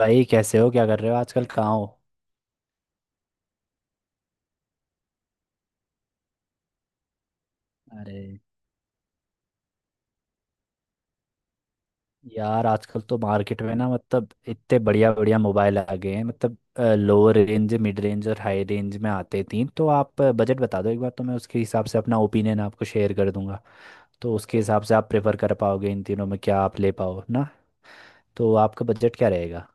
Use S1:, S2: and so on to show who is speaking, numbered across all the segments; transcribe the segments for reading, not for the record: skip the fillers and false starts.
S1: भाई, कैसे हो? क्या कर रहे हो आजकल? कहाँ हो? अरे यार, आजकल तो मार्केट में ना, मतलब इतने बढ़िया बढ़िया मोबाइल आ गए हैं। मतलब लोअर रेंज, मिड रेंज और हाई रेंज में आते हैं तीन। तो आप बजट बता दो एक बार, तो मैं उसके हिसाब से अपना ओपिनियन आपको शेयर कर दूंगा। तो उसके हिसाब से आप प्रेफर कर पाओगे इन तीनों में, क्या आप ले पाओ ना। तो आपका बजट क्या रहेगा?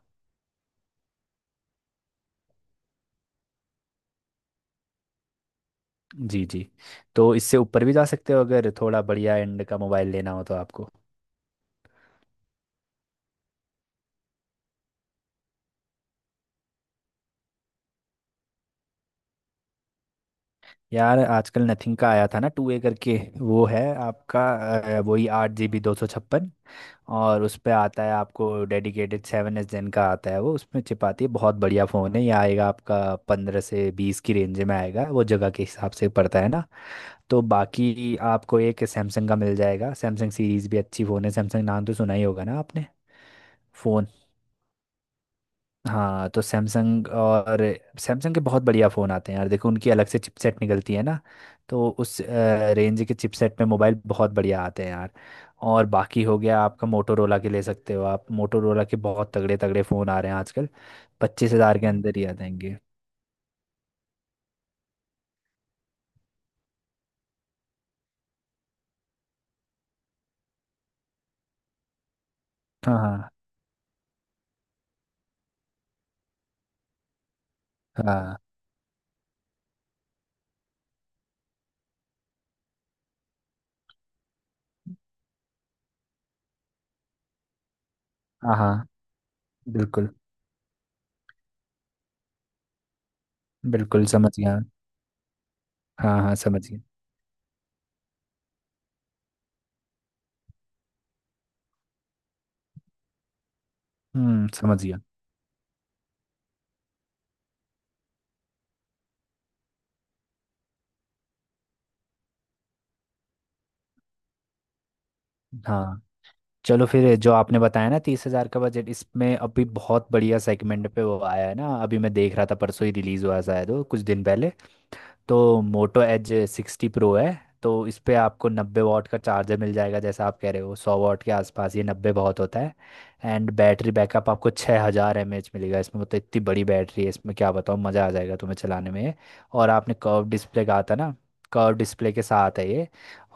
S1: जी जी। तो इससे ऊपर भी जा सकते हो अगर थोड़ा बढ़िया एंड का मोबाइल लेना हो तो आपको। यार, आजकल नथिंग का आया था ना, टू ए करके, वो है आपका, वही 8 GB 256। और उस पे आता है आपको डेडिकेटेड सेवन एस जेन का, आता है वो उसमें चिपाती है, बहुत बढ़िया फ़ोन है ये। आएगा आपका 15 से 20 की रेंज में, आएगा वो जगह के हिसाब से पड़ता है ना। तो बाकी आपको एक सैमसंग का मिल जाएगा। सैमसंग सीरीज़ भी अच्छी फ़ोन है। सैमसंग नाम तो सुना ही होगा ना आपने, फ़ोन? हाँ, तो सैमसंग। और सैमसंग के बहुत बढ़िया फ़ोन आते हैं यार, देखो उनकी अलग से चिपसेट निकलती है ना। तो उस रेंज के चिपसेट में मोबाइल बहुत बढ़िया आते हैं यार। और बाकी हो गया आपका, मोटोरोला के ले सकते हो आप। मोटोरोला के बहुत तगड़े तगड़े फ़ोन आ रहे हैं आजकल। 25,000 के अंदर ही आ जाएंगे। हाँ। हाँ। हाँ। हाँ। हाँ। बिल्कुल बिल्कुल, समझ गया। हाँ हाँ, समझ गया। समझ गया। हाँ, चलो फिर जो आपने बताया ना 30,000 का बजट, इसमें अभी बहुत बढ़िया सेगमेंट पे वो आया है ना। अभी मैं देख रहा था, परसों ही रिलीज हुआ शायद, वो कुछ दिन पहले। तो मोटो एज 60 प्रो है। तो इस पे आपको 90 वॉट का चार्जर मिल जाएगा। जैसा आप कह रहे हो 100 वॉट के आसपास, ये 90 बहुत होता है। एंड बैटरी बैकअप आपको 6000 mAh मिलेगा इसमें। मतलब इतनी बड़ी बैटरी है इसमें, क्या बताऊँ, मज़ा आ जाएगा तुम्हें चलाने में। और आपने कर्व डिस्प्ले कहा था ना, कर्व डिस्प्ले के साथ है ये।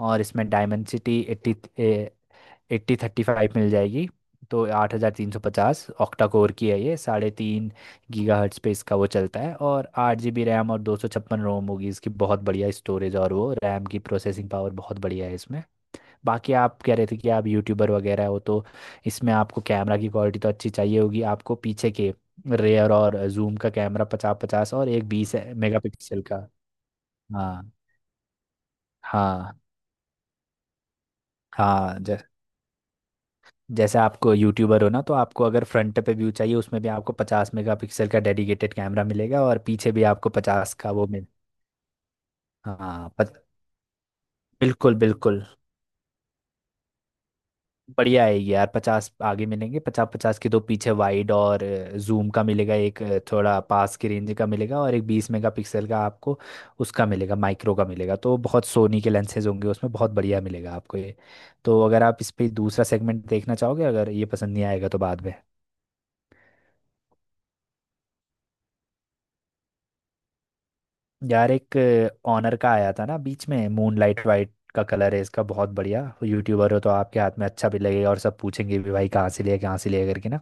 S1: और इसमें डायमेंसिटी एट्टी, 8035 मिल जाएगी। तो 8350 ऑक्टा कोर की है ये, 3.5 GHz पे इसका वो चलता है। और 8 GB रैम और 256 रोम होगी इसकी। बहुत बढ़िया स्टोरेज, और वो रैम की प्रोसेसिंग पावर बहुत बढ़िया है इसमें। बाकी आप कह रहे थे कि आप यूट्यूबर वगैरह हो, तो इसमें आपको कैमरा की क्वालिटी तो अच्छी चाहिए होगी। आपको पीछे के रेयर और जूम का कैमरा 50, 50 और 1 20 मेगापिक्सल का। हाँ। हाँ। हाँ, जैसे आपको यूट्यूबर हो ना, तो आपको अगर फ्रंट पे व्यू चाहिए उसमें भी आपको 50 मेगापिक्सल का डेडिकेटेड कैमरा मिलेगा, और पीछे भी आपको 50 का वो मिल। हाँ, बिल्कुल बिल्कुल बढ़िया आएगी यार। पचास आगे मिलेंगे, 50 पचास के दो पीछे वाइड और जूम का मिलेगा। एक थोड़ा पास की रेंज का मिलेगा, और एक बीस मेगापिक्सल का आपको उसका मिलेगा, माइक्रो का मिलेगा। तो बहुत सोनी के लेंसेज होंगे उसमें, बहुत बढ़िया मिलेगा आपको ये। तो अगर आप इस पे दूसरा सेगमेंट देखना चाहोगे अगर ये पसंद नहीं आएगा तो बाद में। यार एक ऑनर का आया था ना बीच में, मूनलाइट वाइट का कलर है इसका, बहुत बढ़िया। यूट्यूबर हो तो आपके हाथ में अच्छा भी लगेगा, और सब पूछेंगे भी, भाई कहाँ से लिया, कहाँ से लिया करके ना।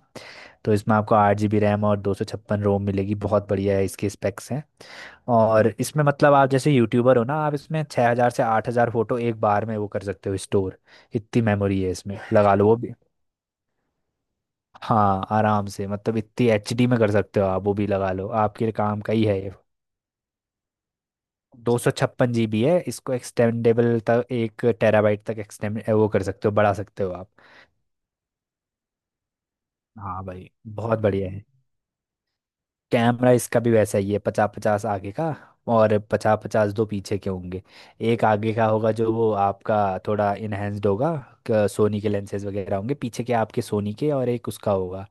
S1: तो इसमें आपको 8 GB रैम और दो सौ छप्पन रोम मिलेगी, बहुत बढ़िया है, इसके स्पेक्स हैं। और इसमें मतलब आप जैसे यूट्यूबर हो ना, आप इसमें 6000 से 8000 फोटो एक बार में वो कर सकते हो स्टोर। इतनी मेमोरी है इसमें, लगा लो वो भी। हाँ, आराम से। मतलब इतनी एच डी में कर सकते हो आप वो भी, लगा लो आपके काम का ही है ये। 256 GB है इसको, एक्सटेंडेबल तक 1 TB तक एक्सटेंड वो कर सकते हो, बढ़ा सकते हो आप। हाँ भाई, बहुत बढ़िया है। कैमरा इसका भी वैसा ही है, 50, 50 आगे का, और 50, 50 दो पीछे के होंगे। एक आगे का होगा जो वो आपका थोड़ा इनहेंस्ड होगा। सोनी के लेंसेज वगैरह होंगे पीछे के आपके सोनी के, और एक उसका होगा।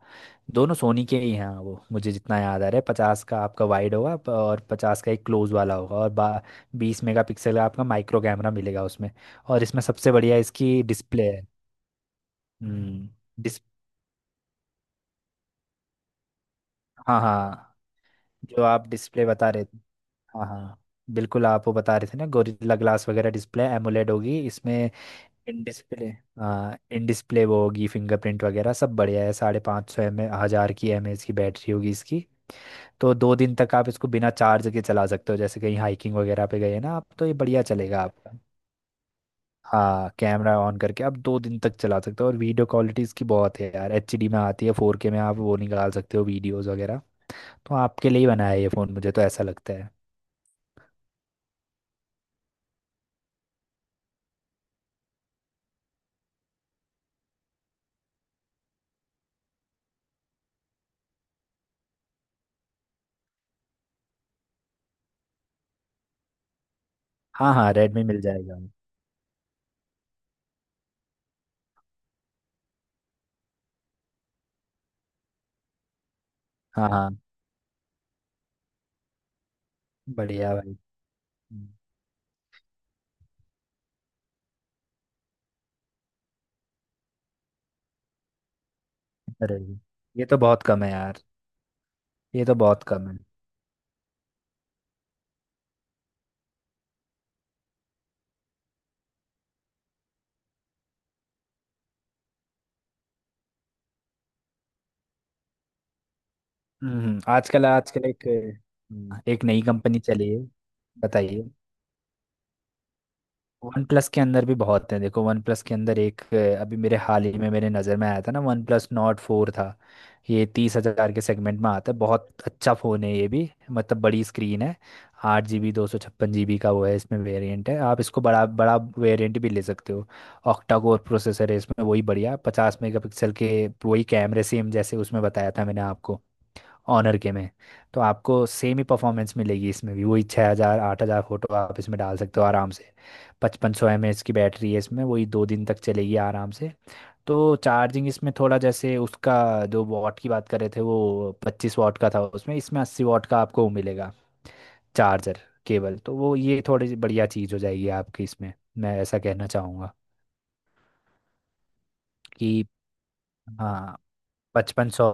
S1: दोनों सोनी के ही हैं वो, मुझे जितना याद आ रहा है, 50 का आपका वाइड होगा, और पचास का एक क्लोज वाला होगा। और बा 20 मेगापिक्सल का आपका माइक्रो कैमरा मिलेगा उसमें। और इसमें सबसे बढ़िया इसकी डिस्प्ले है। हम्म डिस हाँ हाँ, जो आप डिस्प्ले बता रहे थे, हाँ हाँ, बिल्कुल, आप वो बता रहे थे ना गोरिल्ला ग्लास वगैरह, डिस्प्ले एमोलेड होगी इसमें। इन डिस्प्ले, हाँ इन डिस्प्ले वो होगी, फिंगरप्रिंट वगैरह सब बढ़िया है। 5500 एम ए हज़ार की, एम एच की बैटरी होगी इसकी। तो 2 दिन तक आप इसको बिना चार्ज के चला सकते हो, जैसे कहीं हाइकिंग वगैरह पे गए ना आप, तो ये बढ़िया चलेगा आपका। हाँ, कैमरा ऑन करके आप 2 दिन तक चला सकते हो। और वीडियो क्वालिटी इसकी बहुत है यार, एचडी में आती है, 4K में आप वो निकाल सकते हो वीडियोस वगैरह। तो आपके लिए ही बनाया है ये फ़ोन, मुझे तो ऐसा लगता है। हाँ हाँ, रेडमी मिल जाएगा। हाँ हाँ। बढ़िया भाई। हम्म। Redmi। ये तो बहुत कम है यार। ये तो बहुत कम है। आजकल आजकल एक, एक नई कंपनी चली है। बताइए। वन प्लस के अंदर भी बहुत हैं, देखो वन प्लस के अंदर एक, अभी मेरे हाल ही में मेरे नज़र में आया था ना, वन प्लस नॉट फोर था। ये 30,000 के सेगमेंट में आता है, बहुत अच्छा फ़ोन है ये भी, मतलब बड़ी स्क्रीन है। 8 GB 256 GB का वो है, इसमें वेरिएंट है, आप इसको बड़ा बड़ा वेरिएंट भी ले सकते हो। ऑक्टा कोर प्रोसेसर है इसमें, वही बढ़िया 50 मेगा पिक्सल के, वही कैमरे सेम जैसे उसमें बताया था मैंने आपको, ऑनर के में। तो आपको सेम ही परफॉर्मेंस मिलेगी इसमें भी। वही 6000, 8000 फ़ोटो आप इसमें डाल सकते हो आराम से। पचपन सौ एम एच की बैटरी है इसमें, वही दो दिन तक चलेगी आराम से। तो चार्जिंग इसमें थोड़ा, जैसे उसका जो वॉट की बात कर रहे थे वो 25 वॉट का था उसमें, इसमें 80 वॉट का आपको मिलेगा, चार्जर केबल। तो वो ये थोड़ी सी बढ़िया चीज़ हो जाएगी आपकी इसमें, मैं ऐसा कहना चाहूँगा कि। हाँ। 5500,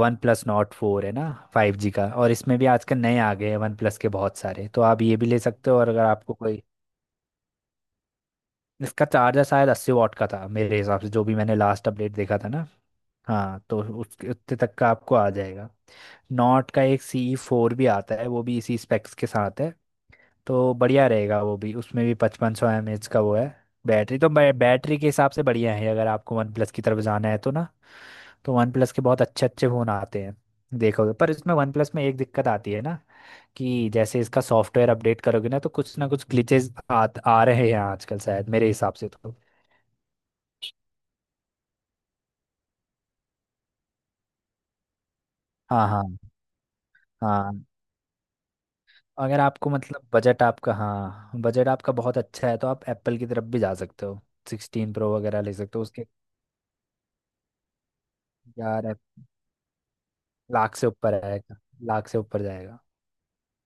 S1: वन प्लस नॉट फोर है ना, 5G का। और इसमें भी आजकल नए आ गए हैं वन प्लस के बहुत सारे, तो आप ये भी ले सकते हो। और अगर आपको कोई, इसका चार्जर शायद 80 वॉट का था मेरे हिसाब से, जो भी मैंने लास्ट अपडेट देखा था ना। हाँ, तो उसके उतने तक का आपको आ जाएगा। नॉट का एक सी फोर भी आता है, वो भी इसी स्पेक्स के साथ है, तो बढ़िया रहेगा वो भी। उसमें भी 5500 mAh का वो है बैटरी। तो बैटरी के हिसाब से बढ़िया है, अगर आपको वन प्लस की तरफ जाना है तो ना। तो वन प्लस के बहुत अच्छे अच्छे फ़ोन आते हैं, देखोगे। पर इसमें वन प्लस में एक दिक्कत आती है ना, कि जैसे इसका सॉफ्टवेयर अपडेट करोगे ना तो कुछ ना कुछ ग्लिचेस आ रहे हैं आजकल शायद, मेरे हिसाब से तो। हाँ। हाँ। हाँ, अगर आपको मतलब बजट आपका, हाँ बजट आपका बहुत अच्छा है तो आप एप्पल की तरफ भी जा सकते हो, 16 Pro वगैरह ले सकते हो उसके। यार लाख से ऊपर आएगा, लाख से ऊपर जाएगा।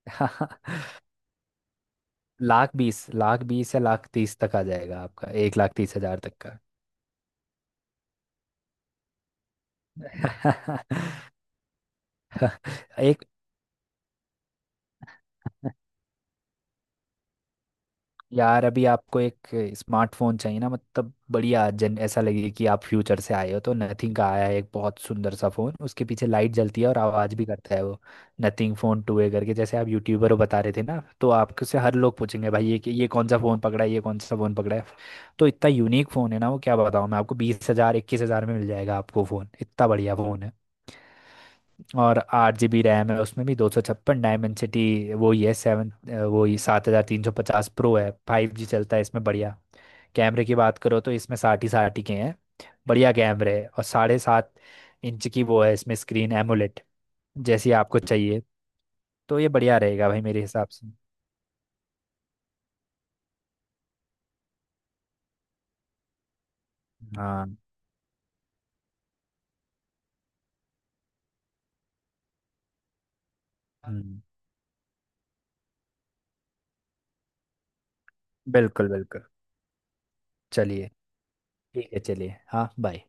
S1: लाख बीस, लाख बीस या लाख तीस तक आ जाएगा आपका, 1,30,000 तक का। एक, यार अभी आपको एक स्मार्टफोन चाहिए ना, मतलब बढ़िया जन ऐसा लगे कि आप फ्यूचर से आए हो, तो नथिंग का आया है एक बहुत सुंदर सा फोन, उसके पीछे लाइट जलती है और आवाज़ भी करता है वो। नथिंग फोन टू ए करके, जैसे आप यूट्यूबर हो बता रहे थे ना, तो आपको से हर लोग पूछेंगे, भाई ये ये कौन सा फोन पकड़ा है, ये कौन सा फोन पकड़ा है। तो इतना यूनिक फोन है ना वो, क्या बताऊँ मैं आपको। 20,000, 21,000 में मिल जाएगा आपको फोन, इतना बढ़िया फोन है। और आठ जी बी रैम है उसमें भी, 256, डायमेंसिटी वो ही है सेवन, वो ही 7350 प्रो है। 5G चलता है इसमें, बढ़िया। कैमरे की बात करो तो इसमें साठ ही के हैं, बढ़िया कैमरे है। और 7.5 इंच की वो है इसमें स्क्रीन एमोलेड, जैसी आपको चाहिए। तो ये बढ़िया रहेगा भाई मेरे हिसाब से। हाँ। हम्म, बिल्कुल बिल्कुल। चलिए। ठीक है चलिए, हाँ बाय।